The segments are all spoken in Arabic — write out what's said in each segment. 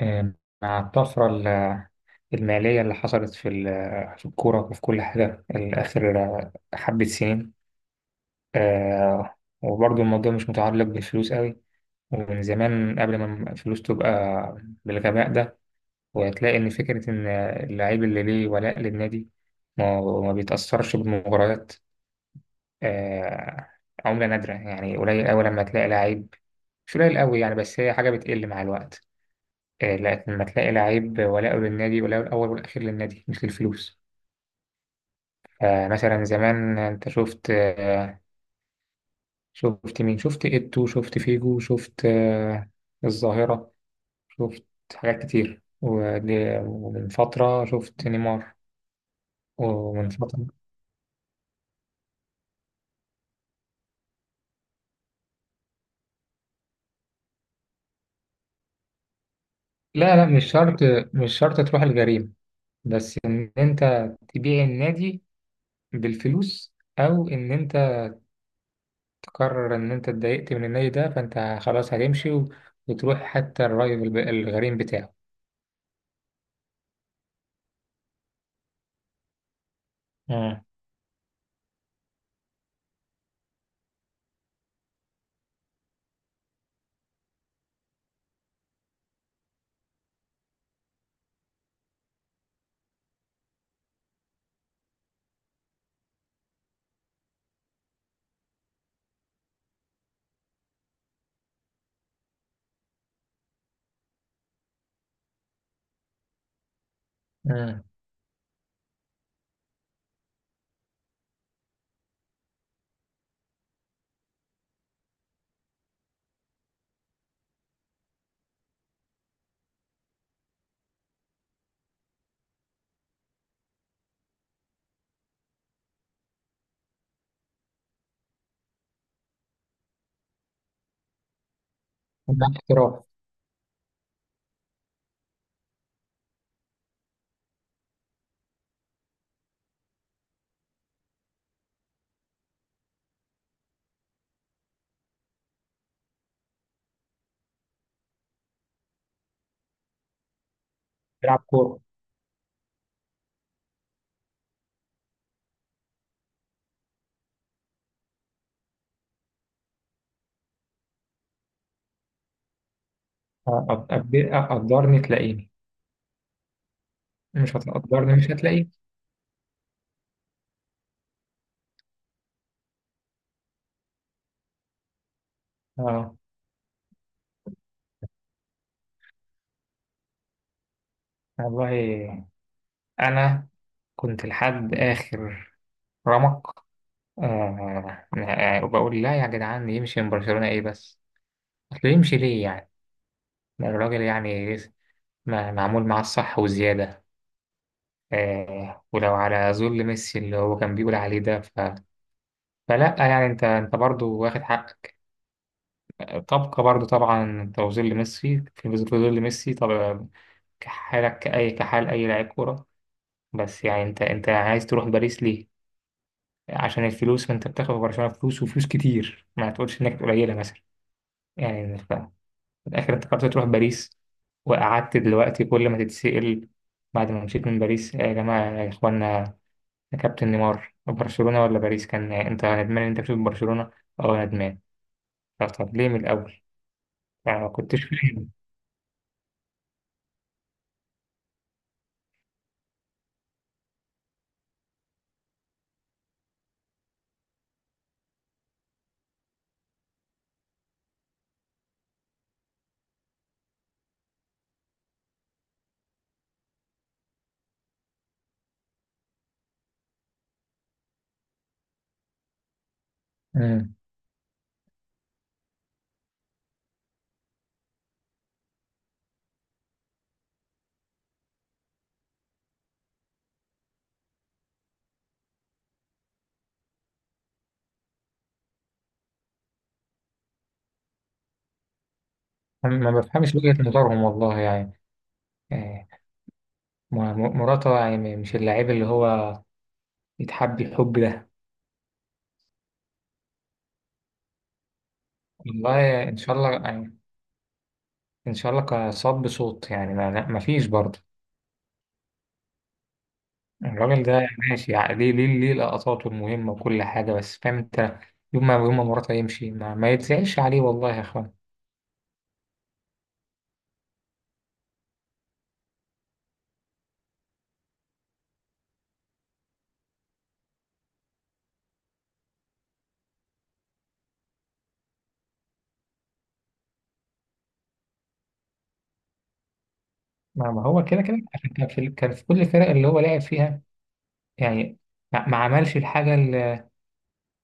آه، مع الطفرة المالية اللي حصلت في في الكورة وفي كل حاجة الآخر حبة سنين. آه، وبرضه الموضوع مش متعلق بالفلوس قوي، ومن زمان قبل ما الفلوس تبقى بالغباء ده. وهتلاقي إن فكرة إن اللعيب اللي ليه ولاء للنادي ما بيتأثرش بالمباريات آه، عملة نادرة، يعني قليل أوي لما تلاقي لعيب. مش قليل أوي يعني، بس هي حاجة بتقل مع الوقت. لما تلاقي لعيب ولاؤه للنادي، ولاؤه الأول والأخير للنادي مش للفلوس. فمثلا زمان أنت شفت شفت مين، شفت إيتو، شفت فيجو، شفت الظاهرة، شفت حاجات كتير ومن فترة شفت نيمار. ومن فترة لا لا، مش شرط، مش شرط تروح الجريمة، بس إن أنت تبيع النادي بالفلوس، أو إن أنت قرر إن أنت اتضايقت من النادي ده فأنت خلاص هتمشي وتروح حتى الرايفل الغريم بتاعه. امم. امم. ده احتراف. بيلعب كورة. قدرني تلاقيني، مش هتقدرني، مش هتلاقيني. اه، والله أنا كنت لحد آخر رمق. وبقول لا يا جدعان، يمشي من برشلونة إيه بس؟ أصل يمشي ليه يعني؟ ده الراجل يعني ما معمول معاه الصح وزيادة. آه، ولو على ذل ميسي اللي هو كان بيقول عليه ده ف... فلا يعني، انت برضه واخد حقك، طبقة برضه طبعا، انت وذل ميسي في ظل ميسي طبعا، كحالك كأي كحال أي لاعب كورة. بس يعني انت عايز تروح باريس ليه؟ عشان الفلوس؟ ما انت بتاخد في برشلونة فلوس وفلوس كتير، ما تقولش انك قليلة مثلا. يعني ف... في الآخر انت قررت تروح باريس، وقعدت دلوقتي كل ما تتسأل بعد ما مشيت من باريس، يا جماعة يا إخوانا، يا كابتن نيمار، برشلونة ولا باريس؟ كان انت ندمان إن انت بتشوف برشلونة. اه ندمان. طب طب ليه من الاول يعني؟ ما كنتش فاهم. أمم. ما بفهمش وجهة نظرهم والله يعني. آه، مراته يعني، مش اللاعب اللي هو يتحب الحب ده. والله ان شاء الله يعني، ان شاء الله كصاب صوت يعني، ما, لا، ما فيش برضه. الراجل ده ماشي يعني، ليه ليه ليه لقطاته المهمة وكل حاجة، بس فاهم انت، يوم ما يوم ما مراته يمشي ما يتزعلش عليه والله يا اخوان. ما ما هو كده كده عشان كان في كان في كل الفرق اللي هو لعب فيها يعني، ما ما عملش الحاجة اللي,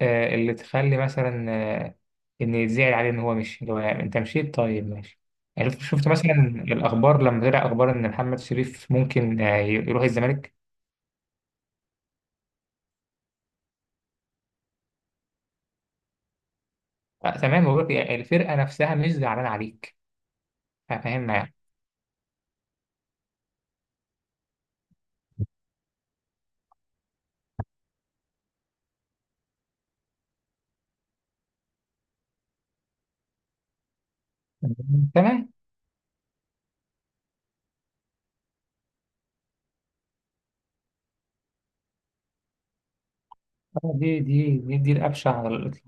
آه، اللي تخلي مثلا، آه، إن يتزعل عليه إن هو مشي، اللي هو يعني أنت مشيت طيب ماشي. يعني شفت شفت مثلا الأخبار لما طلع أخبار إن محمد شريف ممكن يروح الزمالك. تمام، بقول لك يعني الفرقة نفسها مش زعلانة عليك. فاهمنا يعني. تمام. آه، دي دي دي الأبشع على الإطلاق.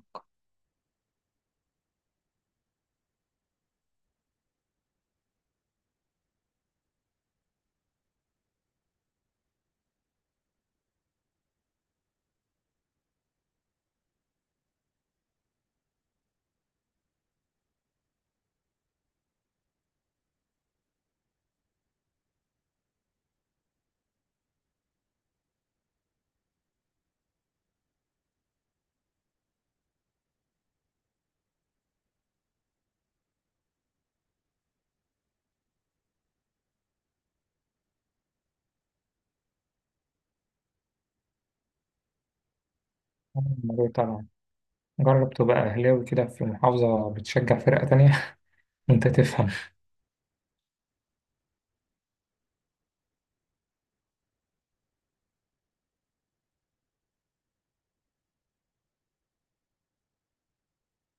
آه، طبعا، جرب تبقى أهلاوي كده في محافظة بتشجع فرقة تانية وأنت تفهم.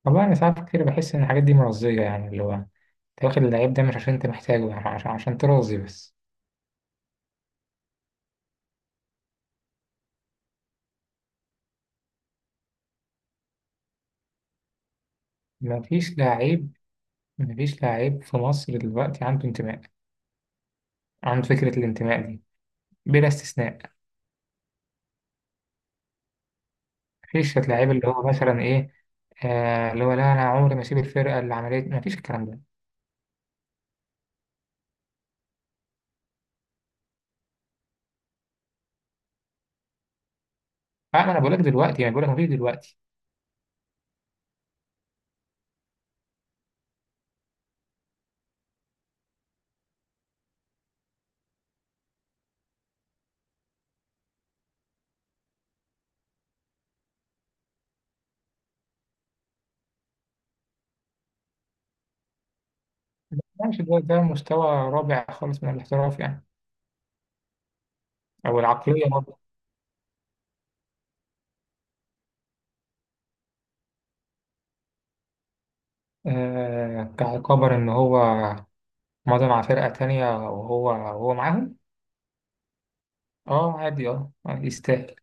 والله أنا ساعات كتير بحس إن الحاجات دي مرضية، يعني اللي هو أنت واخد اللعيب ده مش عشان أنت محتاجه يعني، عشان عشان ترازي بس. مفيش لعيب، مفيش لعيب في مصر دلوقتي عنده انتماء، عنده فكرة الانتماء دي، بلا استثناء. مفيش لعيب اللي هو مثلا إيه، آه اللي هو لا أنا عمري ما أسيب الفرقة اللي عملت، مفيش الكلام ده. آه ما أنا بقولك دلوقتي، ما بقولك مفيش دلوقتي. ماشي، دلوقتي ده مستوى رابع خالص من الاحتراف يعني، أو العقلية برضه. آه كعقابر إن هو مضى مع فرقة تانية وهو وهو معاهم. اه عادي، اه آه، يستاهل.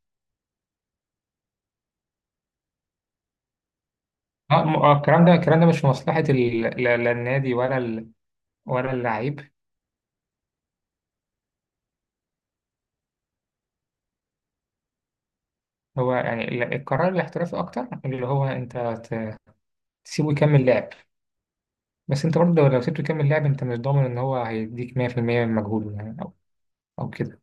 اه الكلام ده الكلام ده مش في مصلحة لا لا النادي، ولا ولا اللعيب. هو يعني القرار الاحترافي اكتر، اللي هو انت تسيبه يكمل لعب. بس انت برضه لو لو سيبته يكمل لعب انت مش ضامن ان هو هيديك 100% من مجهوده يعني، او او كده.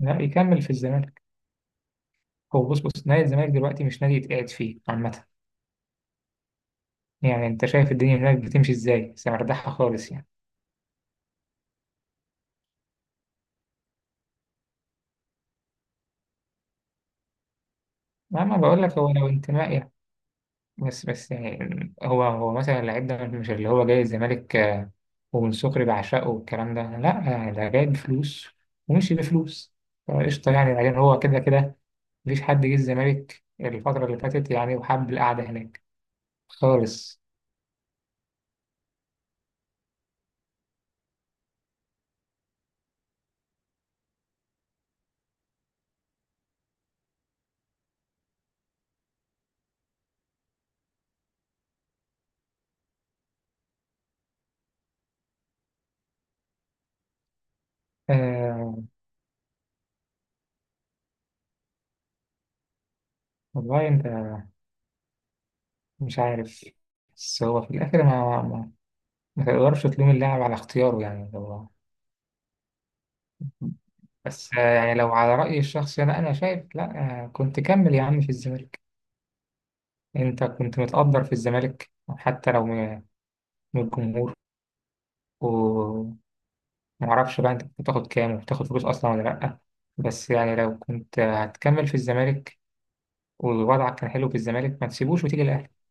لا يكمل في الزمالك. هو بص بص نادي الزمالك دلوقتي مش نادي يتقعد فيه عامة، يعني انت شايف الدنيا هناك بتمشي ازاي، بس مرتاحة خالص يعني. ما ما بقول لك هو لو انتماء يعني، بس بس يعني هو هو مثلا اللعيب ده مش اللي هو جاي الزمالك ومن سكري بعشقه والكلام ده، لا آه، ده جاي بفلوس ومشي بفلوس، فقشطة يعني. بعدين هو كده كده مفيش حد جه الزمالك الفترة اللي فاتت يعني وحب القعدة هناك خالص. آه، والله أنت مش عارف، بس هو في الآخر ما ما تقدرش تلوم اللاعب على اختياره يعني، هو بس آه يعني لو على رأيي الشخصي أنا، شايف لا، آه كنت كمل يا عم في الزمالك، انت كنت متقدر في الزمالك حتى لو من من الجمهور، ومعرفش بقى انت كنت بتاخد كام وبتاخد فلوس اصلا ولا لأ. بس يعني لو كنت هتكمل في الزمالك ووضعك كان حلو في الزمالك ما تسيبوش وتيجي الأهلي.